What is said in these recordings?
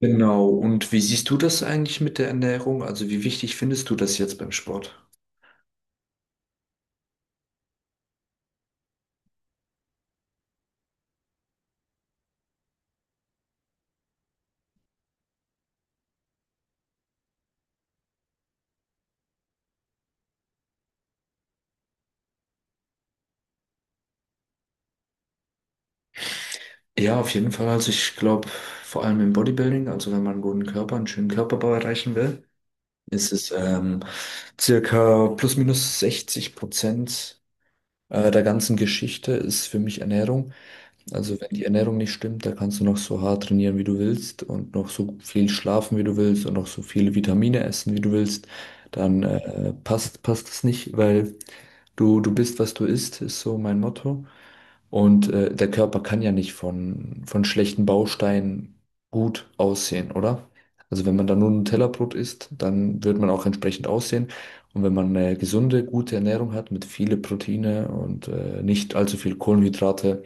Genau. Und wie siehst du das eigentlich mit der Ernährung? Also wie wichtig findest du das jetzt beim Sport? Ja, auf jeden Fall. Also ich glaube, vor allem im Bodybuilding, also wenn man einen guten Körper, einen schönen Körperbau erreichen will, ist es circa plus minus 60% der ganzen Geschichte ist für mich Ernährung. Also wenn die Ernährung nicht stimmt, da kannst du noch so hart trainieren, wie du willst und noch so viel schlafen, wie du willst und noch so viele Vitamine essen, wie du willst. Dann passt es nicht, weil du bist, was du isst, ist so mein Motto. Und der Körper kann ja nicht von schlechten Bausteinen gut aussehen, oder? Also wenn man da nur Nutella-Brot isst, dann wird man auch entsprechend aussehen. Und wenn man eine gesunde, gute Ernährung hat mit viele Proteine und nicht allzu viel Kohlenhydrate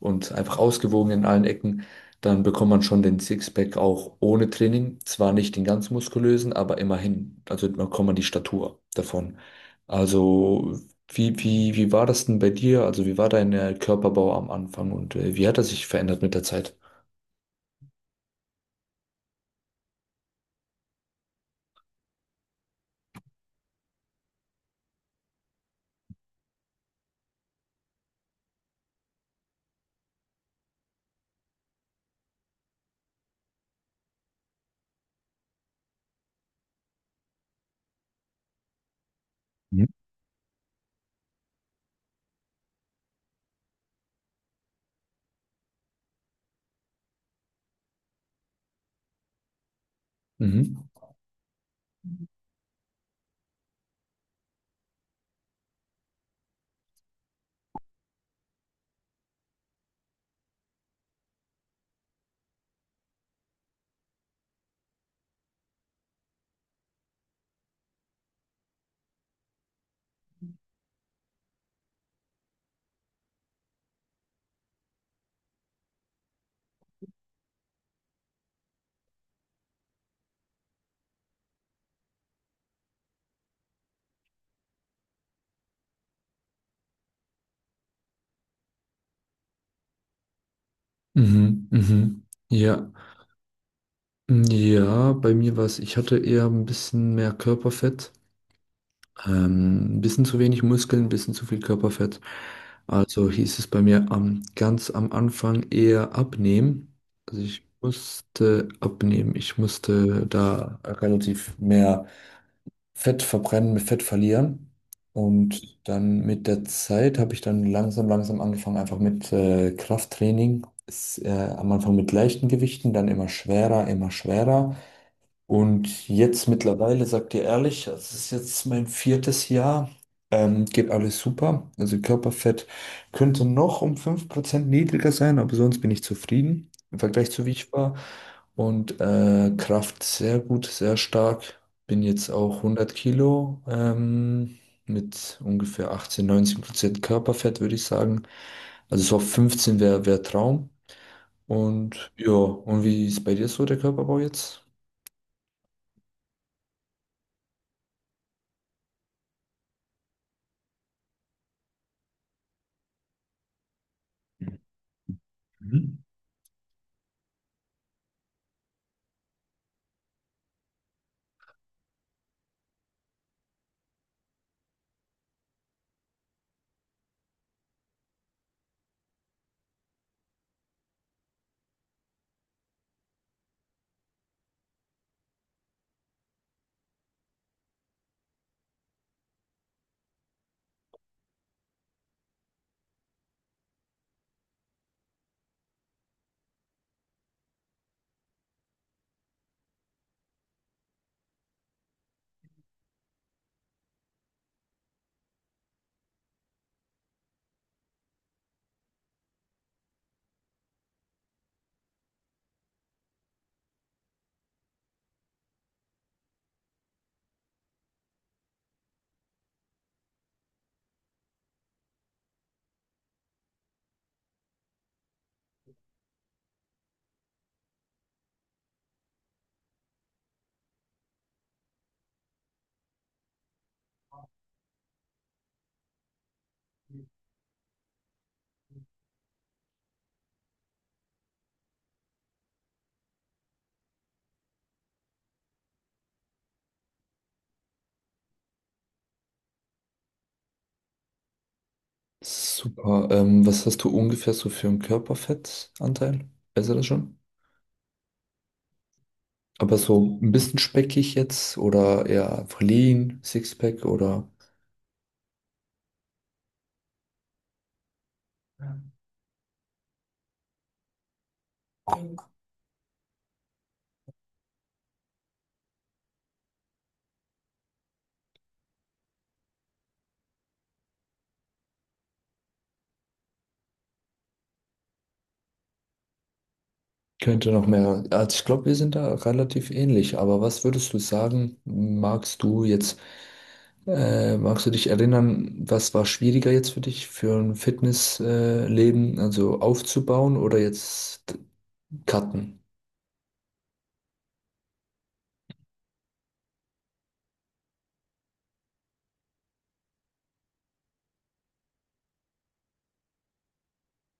und einfach ausgewogen in allen Ecken, dann bekommt man schon den Sixpack auch ohne Training. Zwar nicht den ganz muskulösen, aber immerhin. Also man bekommt man die Statur davon. Also wie war das denn bei dir? Also wie war dein Körperbau am Anfang und wie hat er sich verändert mit der Zeit? Mhm. Mhm. Mhm. Mhm. Ja. Ja, bei mir war es, ich hatte eher ein bisschen mehr Körperfett. Ein bisschen zu wenig Muskeln, ein bisschen zu viel Körperfett. Also hieß es bei mir ganz am Anfang eher abnehmen. Also ich musste abnehmen. Ich musste da relativ mehr Fett verbrennen, mit Fett verlieren. Und dann mit der Zeit habe ich dann langsam, langsam angefangen, einfach mit Krafttraining. Ist, am Anfang mit leichten Gewichten, dann immer schwerer, immer schwerer. Und jetzt mittlerweile, sag dir ehrlich, das ist jetzt mein viertes Jahr, geht alles super. Also Körperfett könnte noch um 5% niedriger sein, aber sonst bin ich zufrieden im Vergleich zu wie ich war. Und Kraft sehr gut, sehr stark. Bin jetzt auch 100 Kilo mit ungefähr 18-19% Körperfett, würde ich sagen. Also so auf 15 wär Traum. Und ja, und wie ist bei dir so der Körperbau jetzt? Mhm. Super. Was hast du ungefähr so für einen Körperfettanteil? Weißt du das schon? Aber so ein bisschen speckig jetzt oder eher einfach lean, Sixpack oder könnte noch mehr. Also ich glaube, wir sind da relativ ähnlich. Aber was würdest du sagen, magst du jetzt, magst du dich erinnern, was war schwieriger jetzt für dich für ein Fitnessleben, Leben? Also aufzubauen oder jetzt cutten?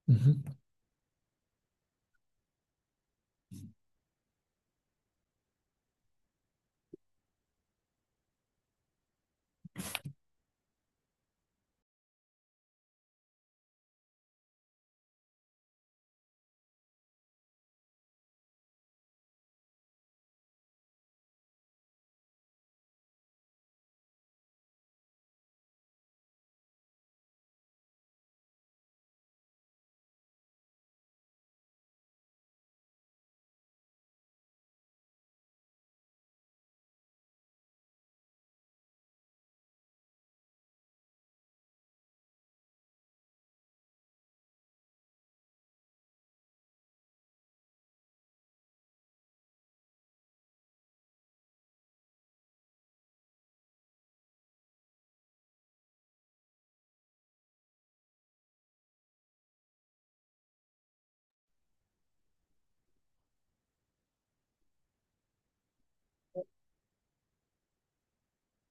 Mhm.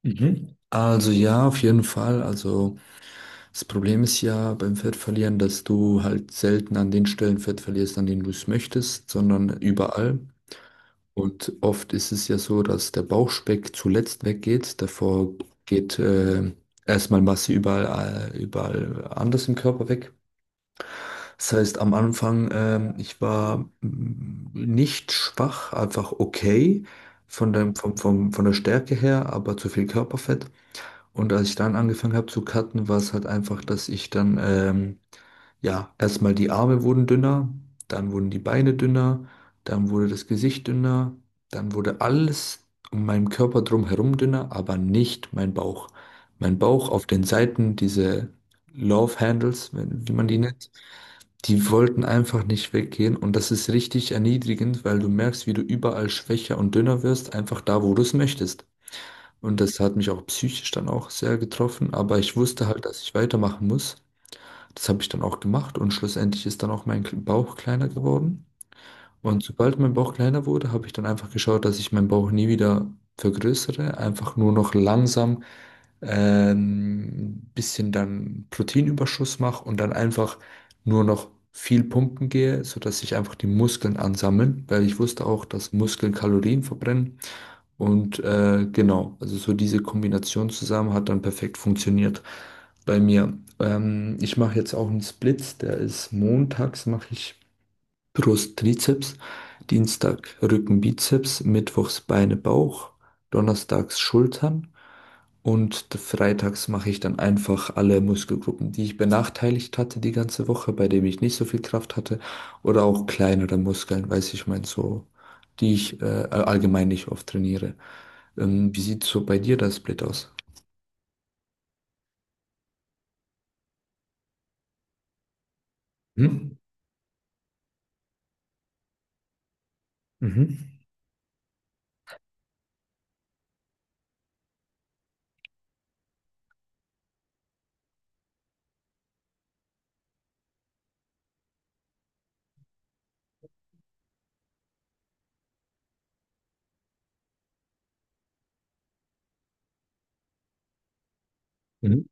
Mhm. Also ja, auf jeden Fall. Also das Problem ist ja beim Fettverlieren, dass du halt selten an den Stellen Fett verlierst, an denen du es möchtest, sondern überall. Und oft ist es ja so, dass der Bauchspeck zuletzt weggeht. Davor geht erstmal Masse überall, überall anders im Körper weg. Das heißt, am Anfang, ich war nicht schwach, einfach okay von von der Stärke her, aber zu viel Körperfett. Und als ich dann angefangen habe zu cutten, war es halt einfach, dass ich dann ja, erstmal die Arme wurden dünner, dann wurden die Beine dünner, dann wurde das Gesicht dünner, dann wurde alles um meinen Körper drumherum dünner, aber nicht mein Bauch. Mein Bauch auf den Seiten, diese Love Handles, wie man die nennt, die wollten einfach nicht weggehen und das ist richtig erniedrigend, weil du merkst, wie du überall schwächer und dünner wirst, einfach da, wo du es möchtest. Und das hat mich auch psychisch dann auch sehr getroffen, aber ich wusste halt, dass ich weitermachen muss. Das habe ich dann auch gemacht und schlussendlich ist dann auch mein Bauch kleiner geworden. Und sobald mein Bauch kleiner wurde, habe ich dann einfach geschaut, dass ich meinen Bauch nie wieder vergrößere, einfach nur noch langsam bisschen dann Proteinüberschuss mache und dann einfach nur noch viel pumpen gehe, sodass sich einfach die Muskeln ansammeln, weil ich wusste auch, dass Muskeln Kalorien verbrennen und genau, also so diese Kombination zusammen hat dann perfekt funktioniert bei mir. Ich mache jetzt auch einen Split, der ist montags mache ich Brust, Trizeps, Dienstag Rücken, Bizeps, mittwochs Beine, Bauch, donnerstags Schultern. Und freitags mache ich dann einfach alle Muskelgruppen, die ich benachteiligt hatte die ganze Woche, bei denen ich nicht so viel Kraft hatte, oder auch kleinere Muskeln, weiß ich mein, so, die ich allgemein nicht oft trainiere. Wie sieht so bei dir das Split aus? Mhm. Mhm. Mhm.